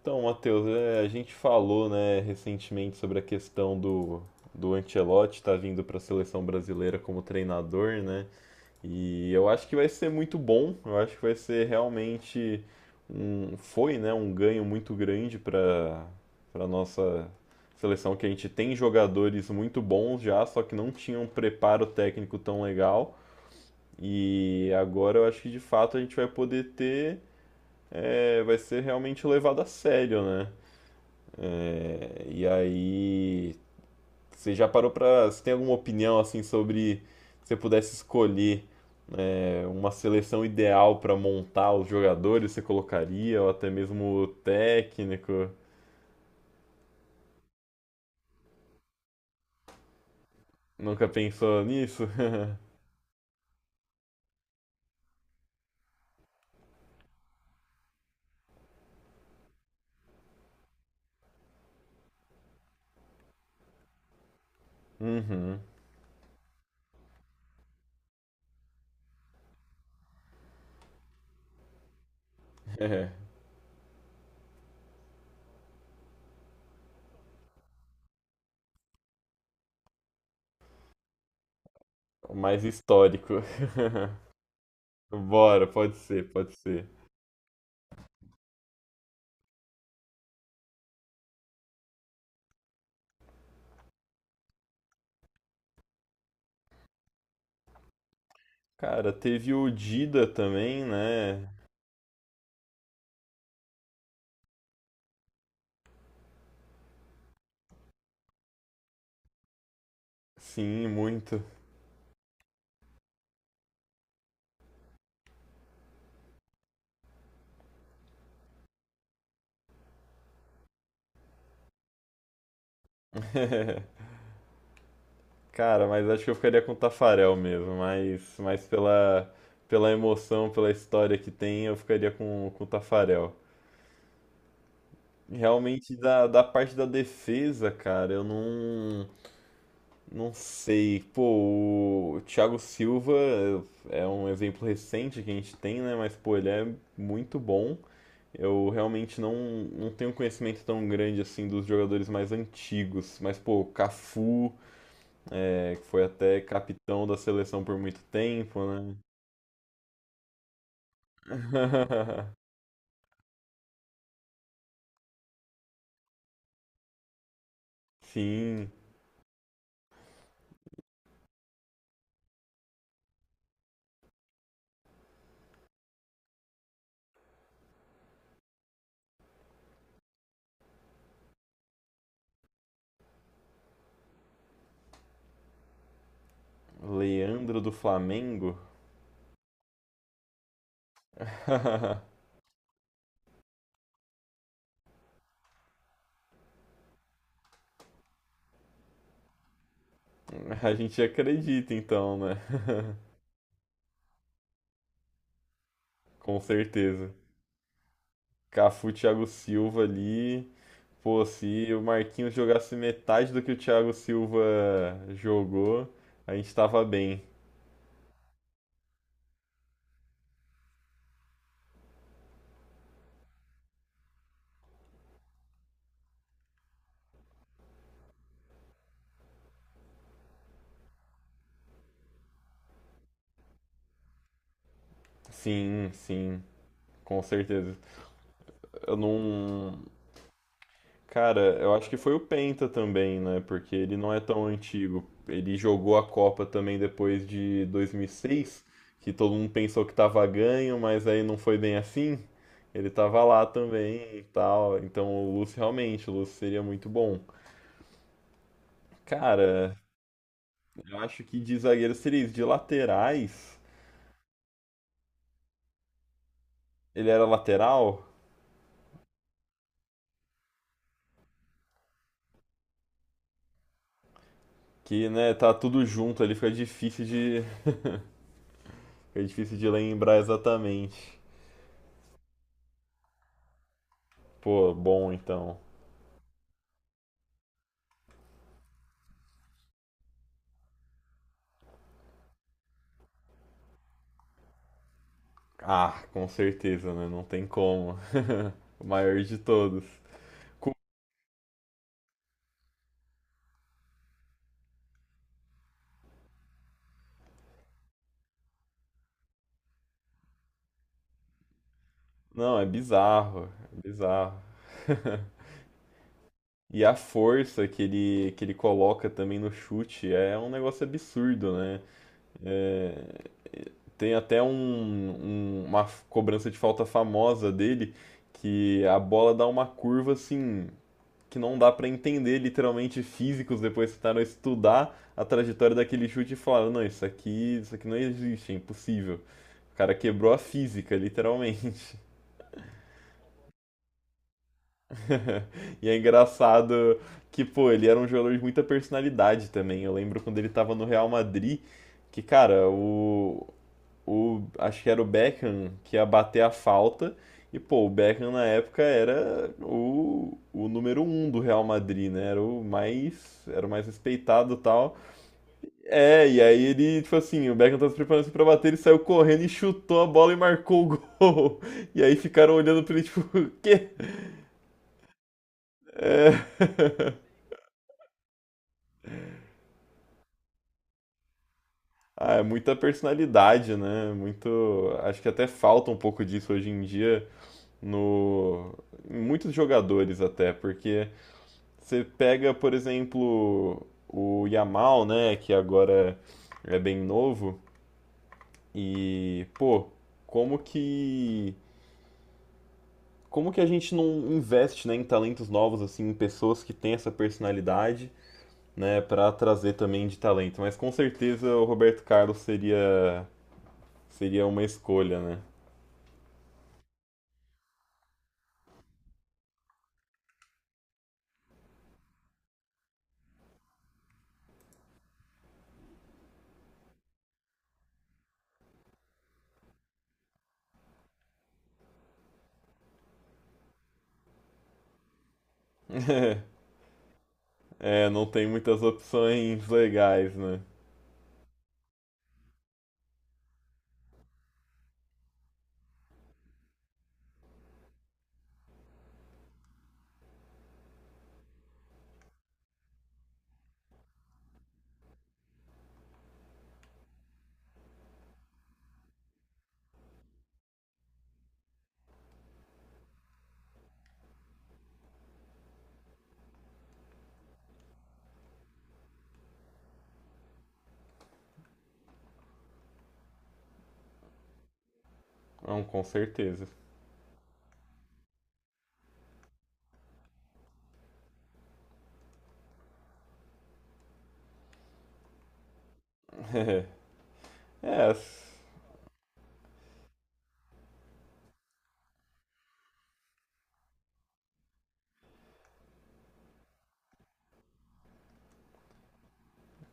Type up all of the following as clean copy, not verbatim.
Então, Matheus, a gente falou, né, recentemente sobre a questão do Ancelotti estar vindo para a seleção brasileira como treinador, né? E eu acho que vai ser muito bom, eu acho que vai ser realmente um ganho muito grande para nossa seleção que a gente tem jogadores muito bons já, só que não tinha um preparo técnico tão legal. E agora eu acho que de fato a gente vai poder ter vai ser realmente levado a sério, né? E aí, você já parou pra. Você tem alguma opinião assim sobre se você pudesse escolher uma seleção ideal pra montar os jogadores, você colocaria, ou até mesmo o técnico? Nunca pensou nisso? Uhum. É o mais histórico. Bora, pode ser, pode ser. Cara, teve o Dida também, né? Sim, muito. Cara, mas acho que eu ficaria com o Tafarel mesmo, mas, pela, pela emoção, pela história que tem, eu ficaria com o Tafarel. Realmente, da parte da defesa, cara, eu não, não sei. Pô, o Thiago Silva é um exemplo recente que a gente tem, né? Mas, pô, ele é muito bom. Eu realmente não tenho conhecimento tão grande assim dos jogadores mais antigos. Mas, pô, Cafu. É, que foi até capitão da seleção por muito tempo, né? Sim, Leandro do Flamengo? A gente acredita então, né? Com certeza. Cafu, Thiago Silva ali. Pô, se o Marquinhos jogasse metade do que o Thiago Silva jogou, a gente tava bem. Sim, sim, com certeza. Eu não, Cara, eu acho que foi o Penta também, né? Porque ele não é tão antigo. Ele jogou a Copa também depois de 2006, que todo mundo pensou que tava ganho, mas aí não foi bem assim. Ele tava lá também e tal. Então o Lúcio realmente, o Lúcio seria muito bom. Cara, eu acho que de zagueiro seria isso. De laterais, ele era lateral, que, né, tá tudo junto ali, fica difícil de lembrar exatamente. Pô, bom então. Ah, com certeza, né? Não tem como. O maior de todos. Cu- Não, é bizarro, é bizarro. E a força que ele coloca também no chute é um negócio absurdo, né? É, tem até um, um- uma cobrança de falta famosa dele, que a bola dá uma curva assim, que não dá para entender literalmente. Físicos depois que tentaram estudar a trajetória daquele chute e falaram, não, isso aqui não existe, é impossível. O cara quebrou a física, literalmente. E é engraçado que, pô, ele era um jogador de muita personalidade também. Eu lembro quando ele tava no Real Madrid, que, cara, acho que era o Beckham que ia bater a falta. E, pô, o Beckham na época era o número um do Real Madrid, né? Era o mais respeitado e tal. É, e aí ele, tipo assim, o Beckham tava se preparando assim pra bater, ele saiu correndo e chutou a bola e marcou o gol. E aí ficaram olhando pra ele, tipo, o quê? É... Ah, é muita personalidade, né? Muito. Acho que até falta um pouco disso hoje em dia. No em muitos jogadores até, porque você pega, por exemplo, o Yamal, né, que agora é bem novo e, pô, como que como que a gente não investe, né, em talentos novos assim, em pessoas que têm essa personalidade, né, para trazer também de talento. Mas com certeza o Roberto Carlos seria seria uma escolha, né? É, não tem muitas opções legais, né? Não, com certeza. É,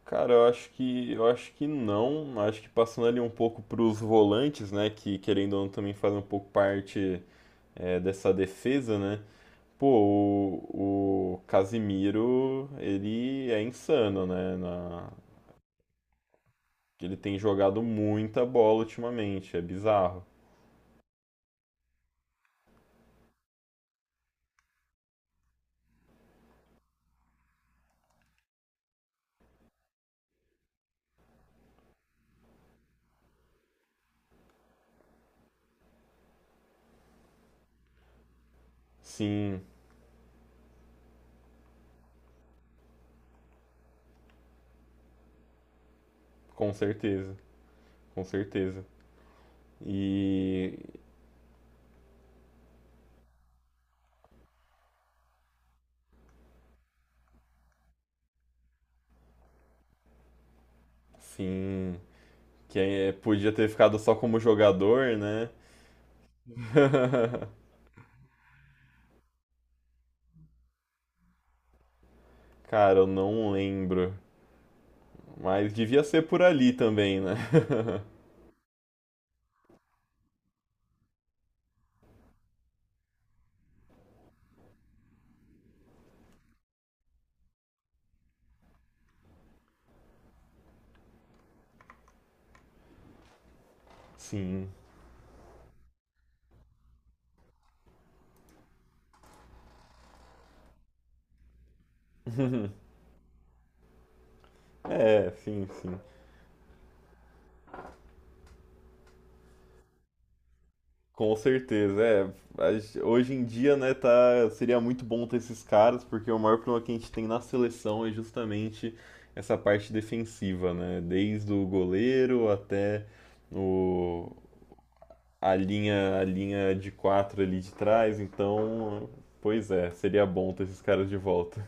Cara, eu acho que não. Acho que passando ali um pouco para os volantes, né, que querendo ou não também fazem um pouco parte dessa defesa, né? Pô, o Casimiro, ele é insano, né? Na, ele tem jogado muita bola ultimamente, é bizarro. Sim, com certeza, com certeza. E sim, que podia ter ficado só como jogador, né? Cara, eu não lembro. Mas devia ser por ali também, né? Sim. É, sim, sim. Com certeza. É, hoje em dia, né, tá, seria muito bom ter esses caras, porque o maior problema que a gente tem na seleção é justamente essa parte defensiva, né? Desde o goleiro até o, a linha de quatro ali de trás. Então, pois é, seria bom ter esses caras de volta.